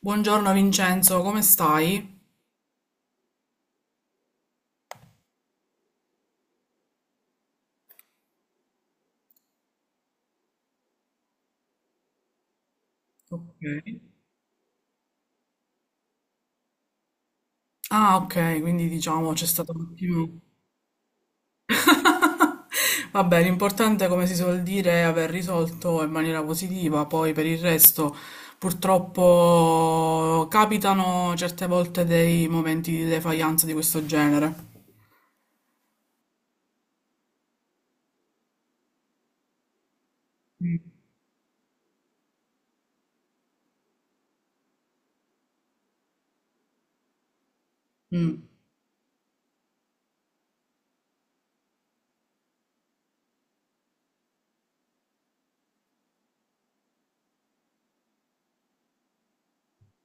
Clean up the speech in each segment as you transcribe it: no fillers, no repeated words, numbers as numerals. Buongiorno Vincenzo, come stai? Ok. Ah, ok, quindi diciamo c'è stato un attimo. Vabbè, l'importante, come si suol dire, è aver risolto in maniera positiva, poi per il resto purtroppo capitano certe volte dei momenti di defaillance di questo genere. Mm.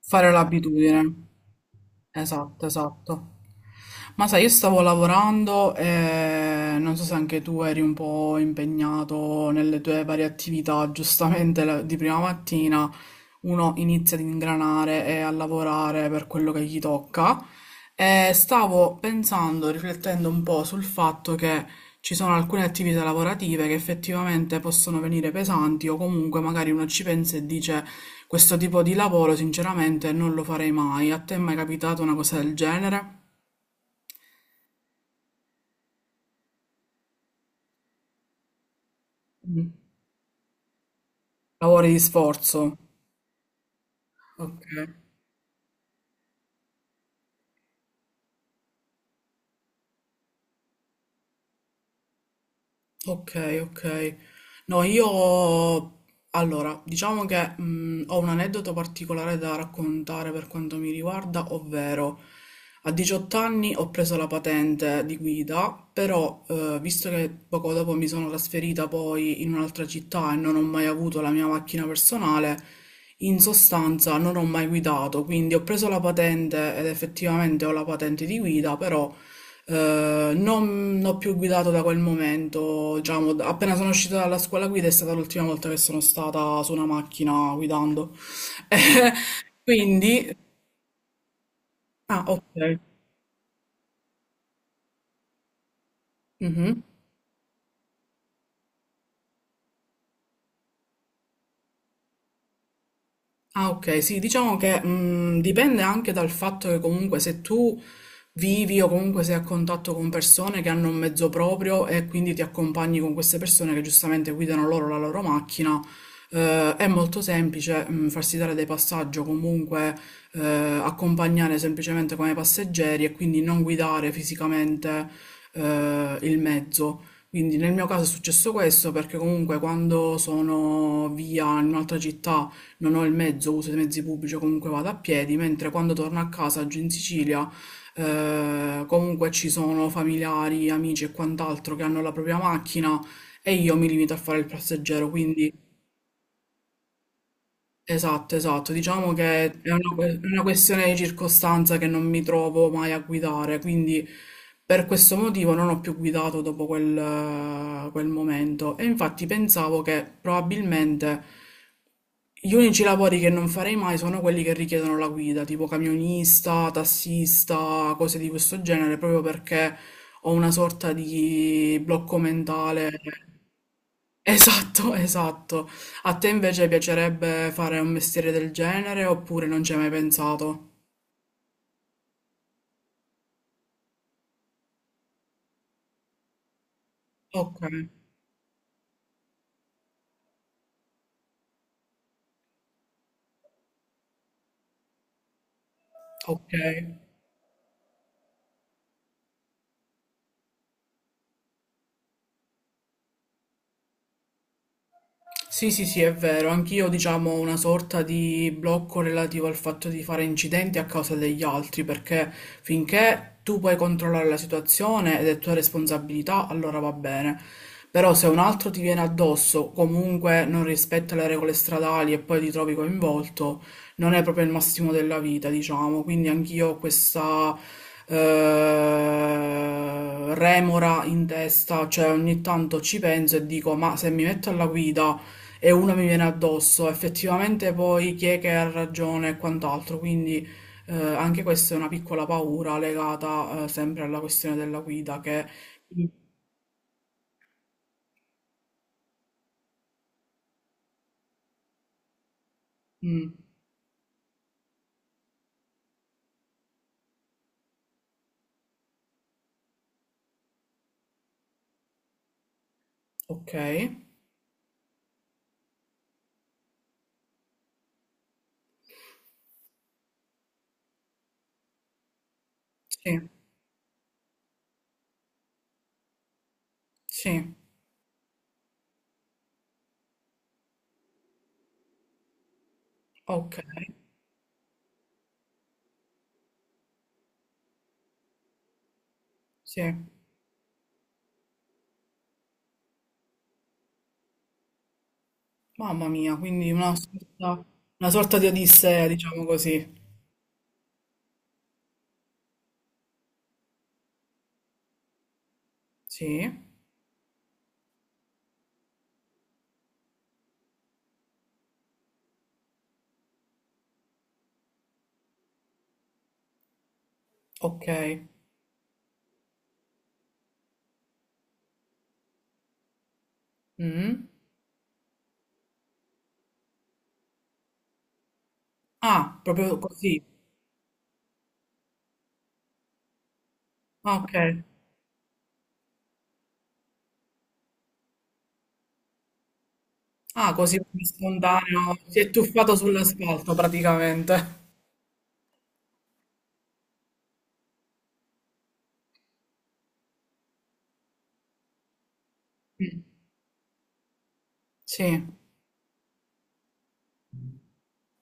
Fare l'abitudine. Esatto, esatto. Ma sai, io stavo lavorando e non so se anche tu eri un po' impegnato nelle tue varie attività, giustamente di prima mattina uno inizia ad ingranare e a lavorare per quello che gli tocca. E stavo pensando, riflettendo un po' sul fatto che ci sono alcune attività lavorative che effettivamente possono venire pesanti o comunque magari uno ci pensa e dice questo tipo di lavoro sinceramente non lo farei mai. A te è mai capitata una cosa del genere? Mm. Lavori di sforzo. Ok. Ok, ok. No, io allora, diciamo che ho un aneddoto particolare da raccontare per quanto mi riguarda, ovvero a 18 anni ho preso la patente di guida, però visto che poco dopo mi sono trasferita poi in un'altra città e non ho mai avuto la mia macchina personale, in sostanza non ho mai guidato, quindi ho preso la patente ed effettivamente ho la patente di guida, però non ho più guidato da quel momento, diciamo, appena sono uscita dalla scuola guida è stata l'ultima volta che sono stata su una macchina guidando. Quindi, ah, ok. Mhm. Ah, ok, sì, diciamo che dipende anche dal fatto che comunque se tu vivi o comunque sei a contatto con persone che hanno un mezzo proprio e quindi ti accompagni con queste persone che giustamente guidano loro la loro macchina, è molto semplice farsi dare dei passaggi o comunque eh, accompagnare semplicemente come passeggeri e quindi non guidare fisicamente il mezzo. Quindi nel mio caso è successo questo perché comunque quando sono via in un'altra città non ho il mezzo, uso i mezzi pubblici o comunque vado a piedi, mentre quando torno a casa giù in Sicilia comunque ci sono familiari, amici e quant'altro che hanno la propria macchina e io mi limito a fare il passeggero, quindi esatto, esatto. Diciamo che è una, una questione di circostanza che non mi trovo mai a guidare, quindi per questo motivo non ho più guidato dopo quel, quel momento. E infatti pensavo che probabilmente gli unici lavori che non farei mai sono quelli che richiedono la guida, tipo camionista, tassista, cose di questo genere, proprio perché ho una sorta di blocco mentale. Esatto, esatto. A te invece piacerebbe fare un mestiere del genere oppure non ci hai mai pensato? Ok, ok. Sì, sì, sì, è vero. Anch'io, diciamo, ho una sorta di blocco relativo al fatto di fare incidenti a causa degli altri, perché finché tu puoi controllare la situazione ed è tua responsabilità, allora va bene. Però se un altro ti viene addosso, comunque non rispetta le regole stradali e poi ti trovi coinvolto, non è proprio il massimo della vita, diciamo. Quindi anch'io ho questa remora in testa, cioè ogni tanto ci penso e dico, ma se mi metto alla guida e una mi viene addosso. Effettivamente poi chi è che ha ragione e quant'altro, quindi anche questa è una piccola paura legata sempre alla questione della guida che... Mm, ok, sì, sì, ok, sì. Mamma mia, quindi una sorta di Odissea, diciamo così. Sì, ok. Mm. Ah, proprio così. Ah, ok. Ah, così spontaneo. Si è tuffato sull'asfalto praticamente. Mm. Sì.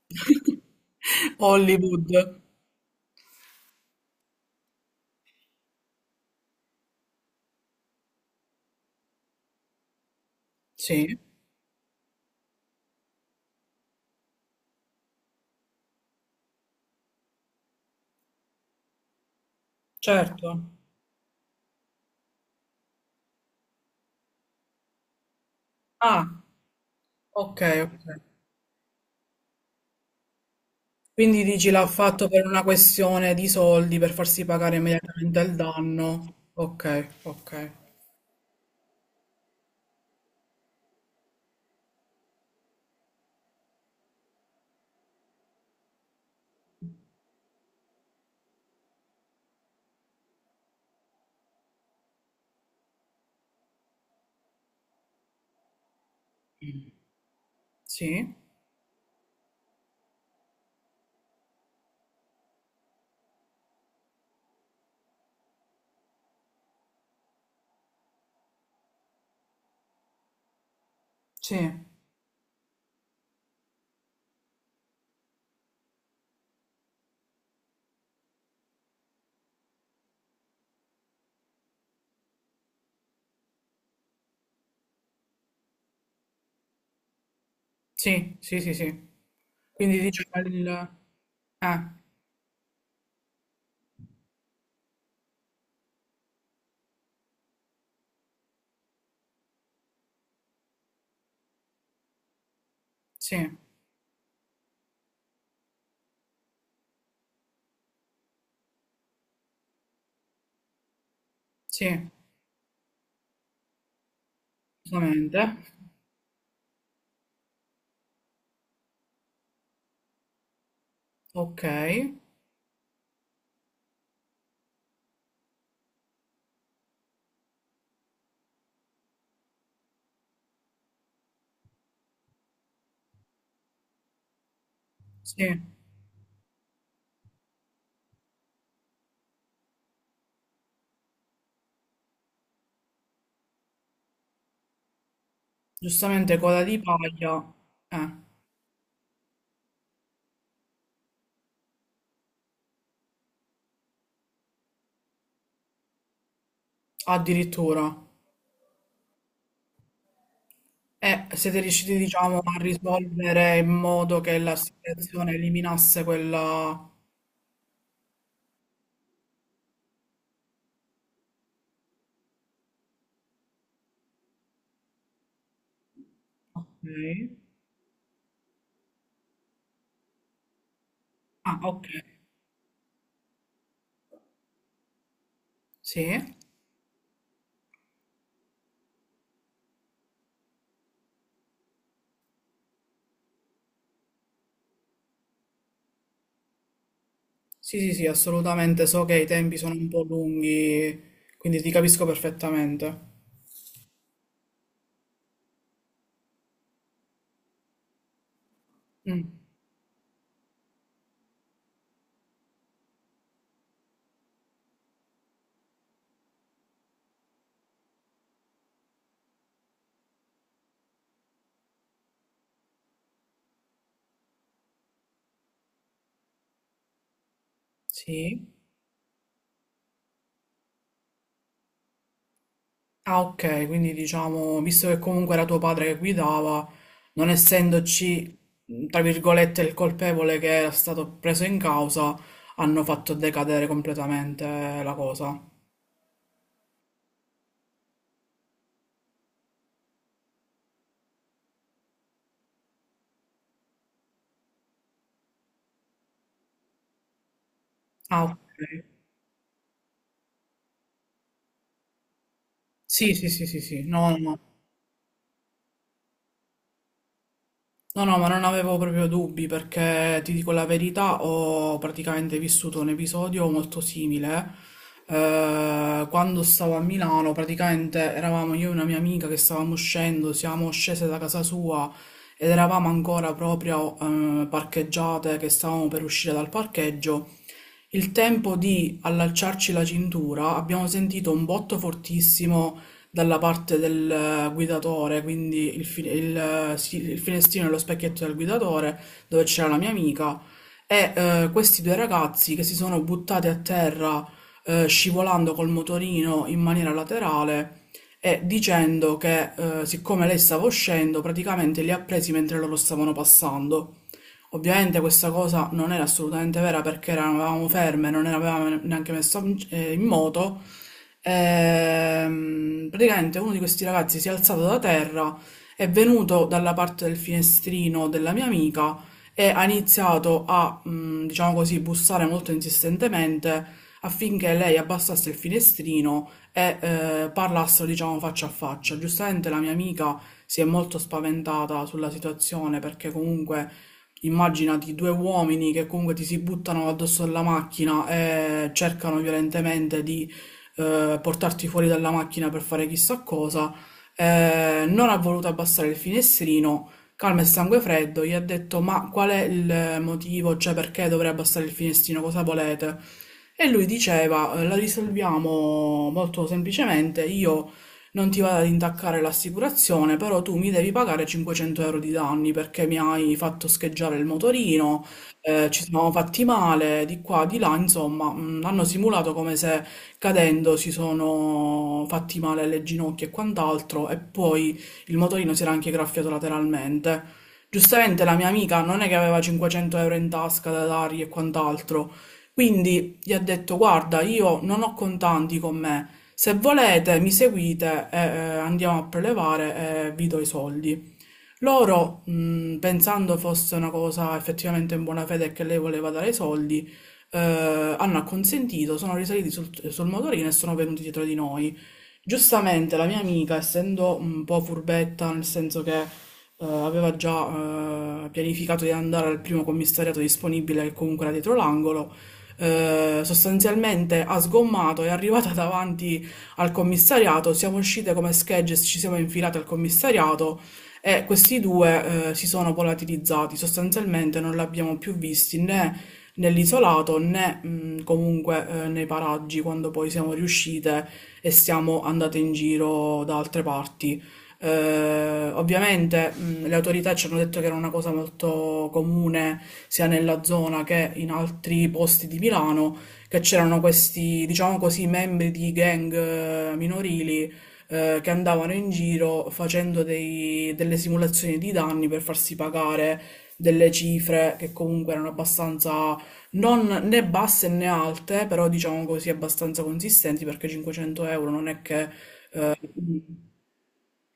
Hollywood, sì, certo. Ah, okay, okay. Quindi dici l'ha fatto per una questione di soldi, per farsi pagare immediatamente il danno. Okay, okay. Mh. Sì, sì, sì, sì, sì, sì. Quindi diciamo il sì, sì, giustamente. Okay, sì, giustamente coda di paglia, eh, addirittura. Siete riusciti, diciamo, a risolvere in modo che la situazione eliminasse quella... Ok. Ah, ok. Sì. Sì, sì, sì, assolutamente. So che i tempi sono un po' lunghi, quindi ti capisco perfettamente. Mm, sì. Ah, ok, quindi diciamo, visto che comunque era tuo padre che guidava, non essendoci, mm, tra virgolette, il colpevole che era stato preso in causa, hanno fatto decadere completamente la cosa. Ah, ok. Sì, sì, sì, sì, sì, no, no, no, no, ma non avevo proprio dubbi perché ti dico la verità, ho praticamente vissuto un episodio molto simile. Quando stavo a Milano, praticamente eravamo io e una mia amica che stavamo uscendo, siamo scese da casa sua ed eravamo ancora proprio parcheggiate, che stavamo per uscire dal parcheggio. Il tempo di allacciarci la cintura, abbiamo sentito un botto fortissimo dalla parte del guidatore, quindi sì, il finestrino e lo specchietto del guidatore, dove c'era la mia amica, e questi due ragazzi che si sono buttati a terra scivolando col motorino in maniera laterale e dicendo che siccome lei stava uscendo, praticamente li ha presi mentre loro stavano passando. Ovviamente questa cosa non era assolutamente vera perché eravamo ferme, non eravamo neanche messa in in moto. Praticamente uno di questi ragazzi si è alzato da terra, è venuto dalla parte del finestrino della mia amica e ha iniziato a, diciamo così, bussare molto insistentemente affinché lei abbassasse il finestrino e parlassero, diciamo, faccia a faccia. Giustamente la mia amica si è molto spaventata sulla situazione perché comunque immaginati due uomini che comunque ti si buttano addosso alla macchina e cercano violentemente di portarti fuori dalla macchina per fare chissà cosa, non ha voluto abbassare il finestrino, calma e sangue freddo, gli ha detto ma qual è il motivo, cioè perché dovrei abbassare il finestrino, cosa volete? E lui diceva la risolviamo molto semplicemente, io non ti vado ad intaccare l'assicurazione, però tu mi devi pagare 500 euro di danni perché mi hai fatto scheggiare il motorino, ci siamo fatti male, di qua, di là", insomma, hanno simulato come se cadendo si sono fatti male alle ginocchia e quant'altro e poi il motorino si era anche graffiato lateralmente. Giustamente la mia amica non è che aveva 500 euro in tasca da dargli e quant'altro, quindi gli ha detto guarda, io non ho contanti con me, se volete mi seguite e andiamo a prelevare e vi do i soldi. Loro, pensando fosse una cosa effettivamente in buona fede e che lei voleva dare i soldi, hanno acconsentito, sono risaliti sul motorino e sono venuti dietro di noi. Giustamente la mia amica, essendo un po' furbetta, nel senso che aveva già pianificato di andare al primo commissariato disponibile, che comunque era dietro l'angolo, sostanzialmente ha sgommato, è arrivata davanti al commissariato, siamo uscite come schegge, ci siamo infilate al commissariato e questi due si sono volatilizzati, sostanzialmente non li abbiamo più visti né nell'isolato né comunque nei paraggi quando poi siamo riuscite e siamo andate in giro da altre parti. Ovviamente le autorità ci hanno detto che era una cosa molto comune sia nella zona che in altri posti di Milano, che c'erano questi, diciamo così, membri di gang minorili che andavano in giro facendo delle simulazioni di danni per farsi pagare delle cifre che comunque erano abbastanza non né basse né alte, però diciamo così abbastanza consistenti perché 500 euro non è che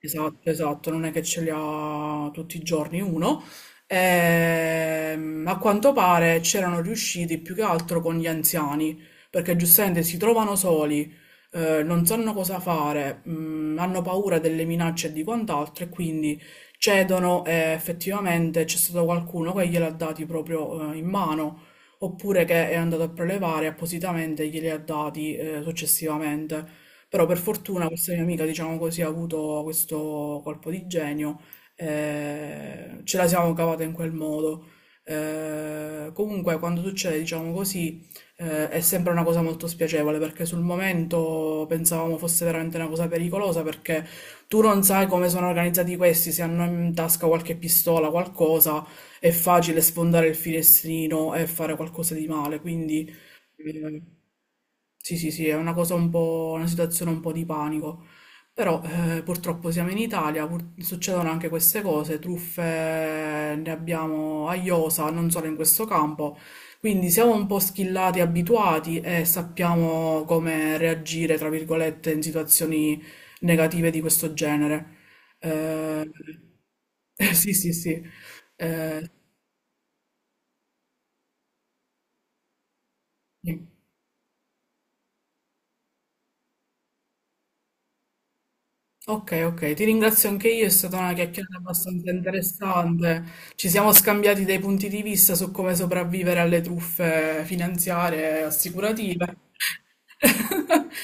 esatto, esatto, non è che ce li ha tutti i giorni uno. A quanto pare c'erano riusciti più che altro con gli anziani, perché giustamente si trovano soli, non sanno cosa fare, mm, hanno paura delle minacce e di quant'altro e quindi cedono e effettivamente c'è stato qualcuno che gliel'ha dati proprio, in mano, oppure che è andato a prelevare appositamente e glieli ha dati, successivamente. Però per fortuna questa mia amica, diciamo così, ha avuto questo colpo di genio, ce la siamo cavata in quel modo. Comunque quando succede, diciamo così, è sempre una cosa molto spiacevole perché sul momento pensavamo fosse veramente una cosa pericolosa perché tu non sai come sono organizzati questi, se hanno in tasca qualche pistola, qualcosa, è facile sfondare il finestrino e fare qualcosa di male, quindi... eh, sì, sì, sì, è una cosa un po', una situazione un po' di panico. Però purtroppo siamo in Italia, succedono anche queste cose, truffe ne abbiamo a iosa, non solo in questo campo, quindi siamo un po' schillati, abituati e sappiamo come reagire, tra virgolette, in situazioni negative di questo genere. Eh, sì, sì, sì. Eh, sì. Ok, ok, ti ringrazio anche io, è stata una chiacchierata abbastanza interessante. Ci siamo scambiati dei punti di vista su come sopravvivere alle truffe finanziarie e assicurative.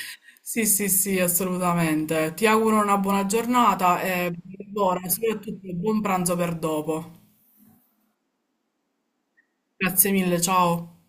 Sì, sì, sì, assolutamente. Ti auguro una buona giornatata e buona, soprattutto buon pranzo per dopo. Grazie mille, ciao.